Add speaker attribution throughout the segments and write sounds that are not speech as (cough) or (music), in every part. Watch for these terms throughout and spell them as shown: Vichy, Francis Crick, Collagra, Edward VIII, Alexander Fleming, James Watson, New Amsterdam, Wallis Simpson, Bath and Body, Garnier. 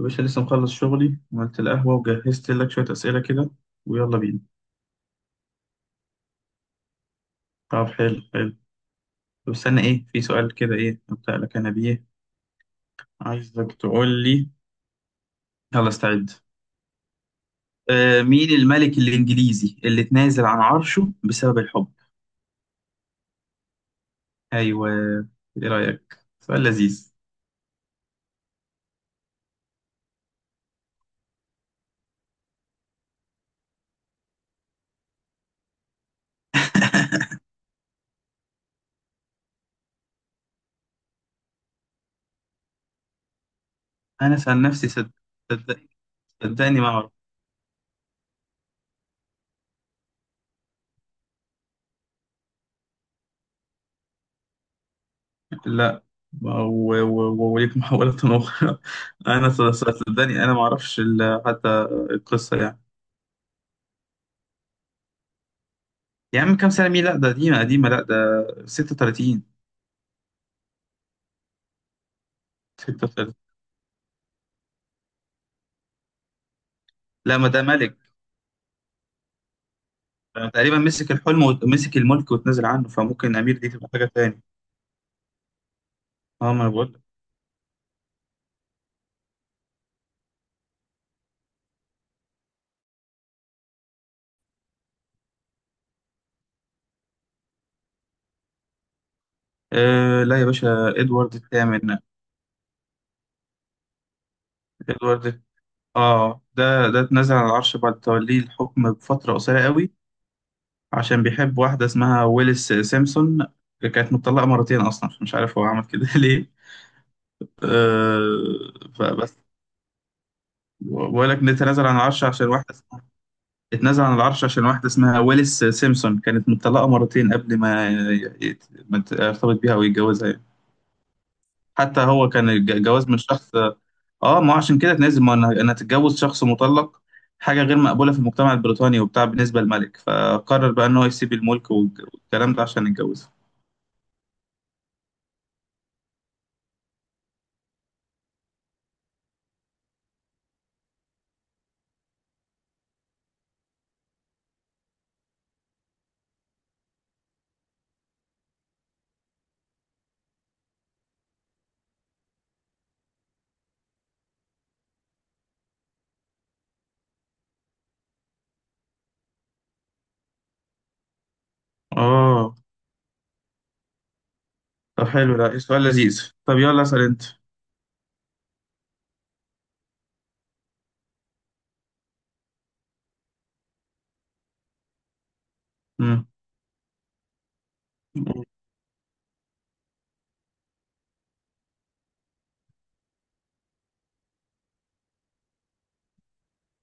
Speaker 1: يا باشا لسه مخلص شغلي وعملت القهوة وجهزت لك شوية أسئلة كده، ويلا بينا. طب حلو حلو. طب استنى إيه، في سؤال كده إيه أبدأ لك أنا بيه؟ عايزك تقول لي، يلا استعد. مين الملك الإنجليزي اللي اتنازل عن عرشه بسبب الحب؟ أيوه. إيه رأيك، سؤال لذيذ؟ (laughs) أنا سأل نفسي صدق، صدق- صدقني ما أعرف. لا، و- و- وليك محاولة أخرى. (laughs) أنا صدقني أنا ما أعرفش حتى القصة يعني. يا عم كام سنة مين، لا ده قديمة قديمة، لا ده 36، 36. لا ما ده ملك، ده تقريبا مسك الحلم ومسك الملك واتنازل عنه، فممكن أمير دي تبقى حاجة تاني. اه ما انا بقول لك. آه لا يا باشا، ادوارد الثامن. ادوارد، اه ده ده اتنازل عن العرش بعد توليه الحكم بفترة قصيرة قوي، عشان بيحب واحدة اسمها ويلس سيمسون، كانت متطلقة مرتين أصلا، مش عارف هو عمل كده (laughs) ليه. آه، فبس. بقول لك نتنازل عن العرش عشان واحدة، اتنازل عن العرش عشان واحدة اسمها ويلس سيمسون كانت مطلقة مرتين قبل ما يرتبط بيها أو يتجوزها يعني. حتى هو كان جواز من شخص، اه ما هو عشان كده اتنازل، ما انا اتجوز شخص مطلق حاجة غير مقبولة في المجتمع البريطاني وبتاع بالنسبة للملك، فقرر بقى إن هو يسيب الملك والكلام ده عشان يتجوزها. اه طب حلو، ده سؤال لذيذ. طب يلا اسأل أنت. مم.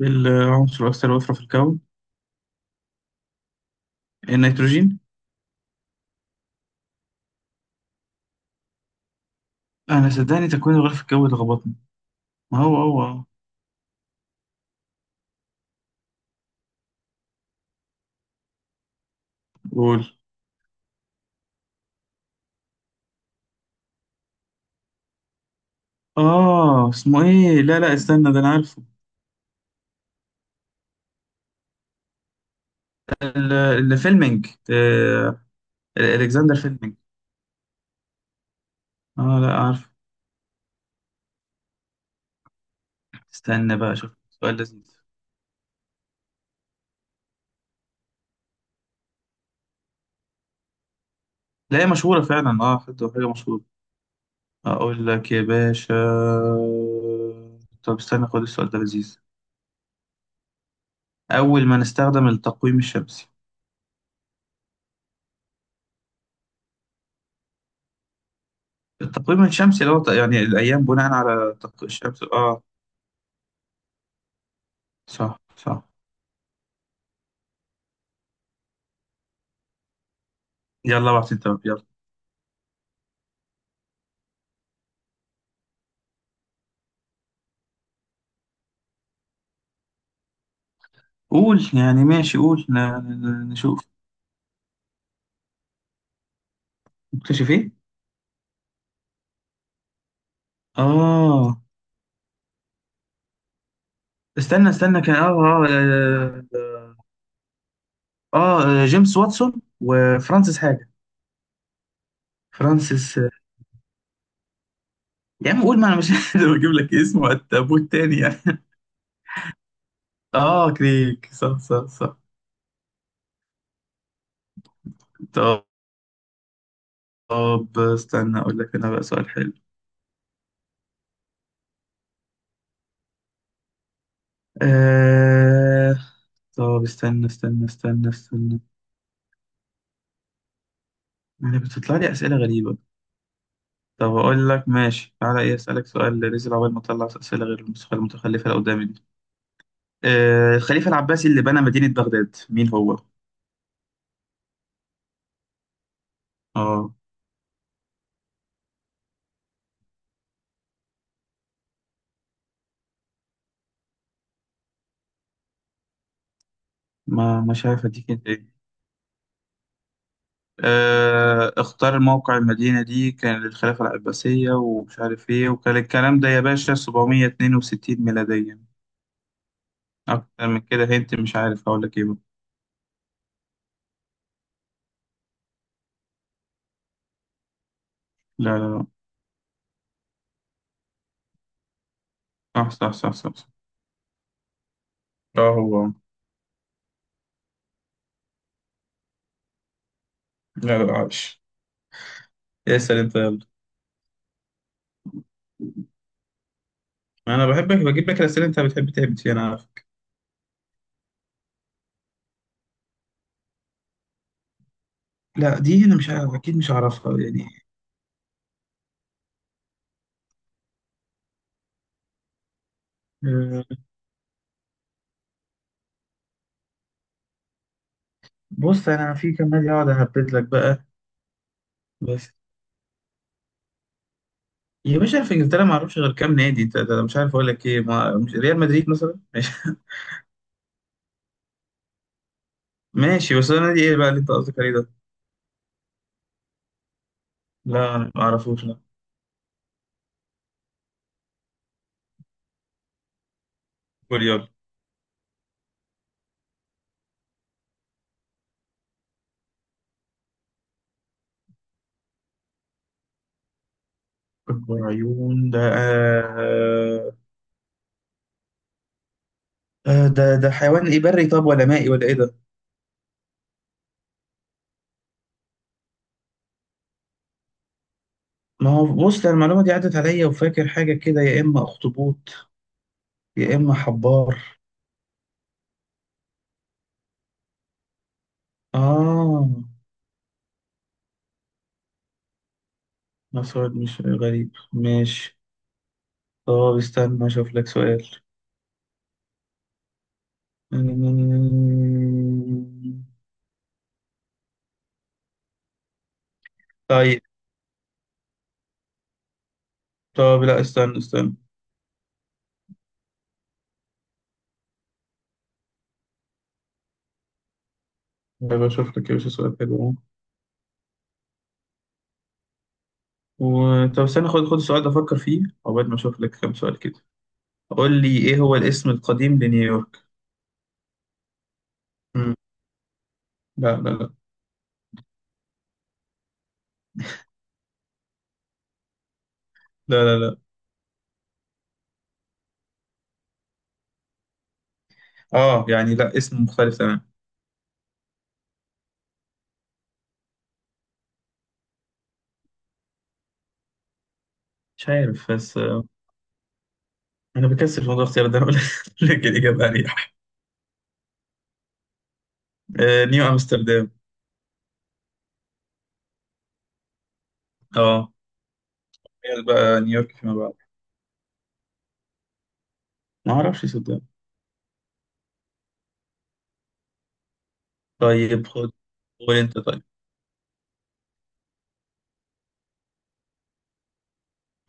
Speaker 1: إيه العنصر الأكثر وفرة في الكون؟ النيتروجين. أنا صدقني تكوين الغلاف الجوي لخبطني. ما هو هو قول. آه اسمه إيه، لا لا استنى ده أنا عارفه. ال- الفيلمينج، الكسندر فيلمينج. آه لا عارف. استنى بقى أشوف سؤال لذيذ. لا هي مشهورة فعلا، آه حتى حاجة مشهورة. أقول لك يا باشا. طب استنى خد السؤال ده لذيذ. أول ما نستخدم التقويم الشمسي. التقويم الشمسي اللي هو يعني الأيام بناء على الشمس صح صح. يلا بعت أنت بقى، يلا. قول يعني ماشي، قول نشوف. نكتشف إيه؟ آه، استنى استنى كان جيمس واتسون وفرانسيس حاجة، فرانسيس. يا عم قول ما انا مش قادر (laughs) اجيب لك اسمه وقت ابوه التاني يعني. اه كريك، صح صح صح. طب، طب استنى اقول لك انا بقى سؤال حلو. آه طب استنى. انا بتطلع لي اسئله غريبه. طب اقول لك ماشي، تعالى ايه اسالك سؤال نزل عقبال ما اطلع اسئله غير النسخه المتخلفه اللي قدامي دي. آه الخليفه العباسي اللي بنى مدينه بغداد مين هو؟ اه. ما مش عارف اديك انت ايه. اختار موقع المدينة دي كان للخلافة العباسية ومش عارف ايه، وكان الكلام ده يا باشا 762 ميلاديا. أكتر من كده هنت، مش عارف هقول لك ايه بقى. لا لا لا. صح صح صح صح صح. اه هو. لا لا عايش. اسأل انت يلا. انا بحبك بجيب لك الأسئلة انت بتحب تعبت فيها، انا عارفك. لا دي انا مش عارف اكيد مش هعرفها يعني. آه، بص انا في كام نادي اقعد اهبد لك بقى. بس يا باشا في انجلترا ما اعرفش غير كام نادي، ده ده مش عارف اقول لك ايه، ما مش ريال مدريد مثلا ماشي. (laughs) ماشي، بس ده نادي ايه بقى اللي انت قصدك عليه ده؟ لا ما اعرفوش لا. كوريال. اكبر عيون ده آه. ده ده حيوان ايه، بري طب ولا مائي ولا ايه ده؟ ما هو بص ده المعلومه دي عدت عليا، وفاكر حاجه كده، يا اما اخطبوط يا اما حبار. اه ما سؤال مش غريب ماشي. طب استنى اشوف لك سؤال. (laughs) طيب، طب لا استنى. بشوف لك يا باشا سؤال حلو اهو. طب استنى خد السؤال ده افكر فيه عقبال ما اشوف لك كام سؤال كده. قول لي ايه هو الاسم القديم لنيويورك؟ مم. لا لا لا. لا لا لا. اه يعني لا اسم مختلف تمام. مش عارف بس آه،. انا بكسل في موضوع الاختيار ده، اقول (laughs) لك الاجابه اريح. آه، نيو امستردام. اه هي بقى نيويورك فيما بعد. ما اعرفش صدق. طيب خد. قول انت طيب.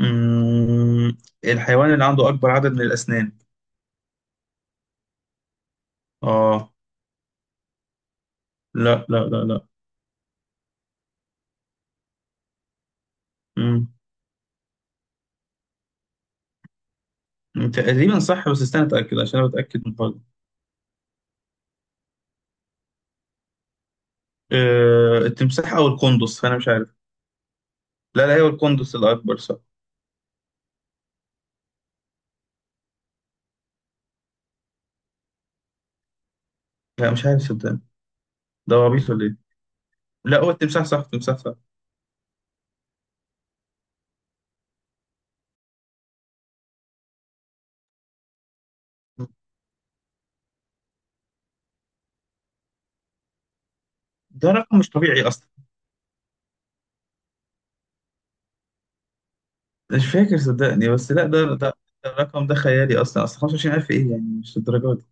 Speaker 1: مم. الحيوان اللي عنده اكبر عدد من الاسنان. اه لا لا لا لا. مم. تقريبا صح، بس استنى اتاكد عشان انا بتاكد من برضه. أه التمساح او القندس، فانا مش عارف. لا لا هو القندس الاكبر صح. لا مش عارف صدقني. ده هو عبيط ولا ايه؟ لا هو التمساح صح، التمساح صح. ده رقم مش طبيعي اصلا. مش فاكر صدقني، بس لا ده ده ده الرقم ده خيالي اصلا، اصلا 25,000 ايه يعني مش الدرجات.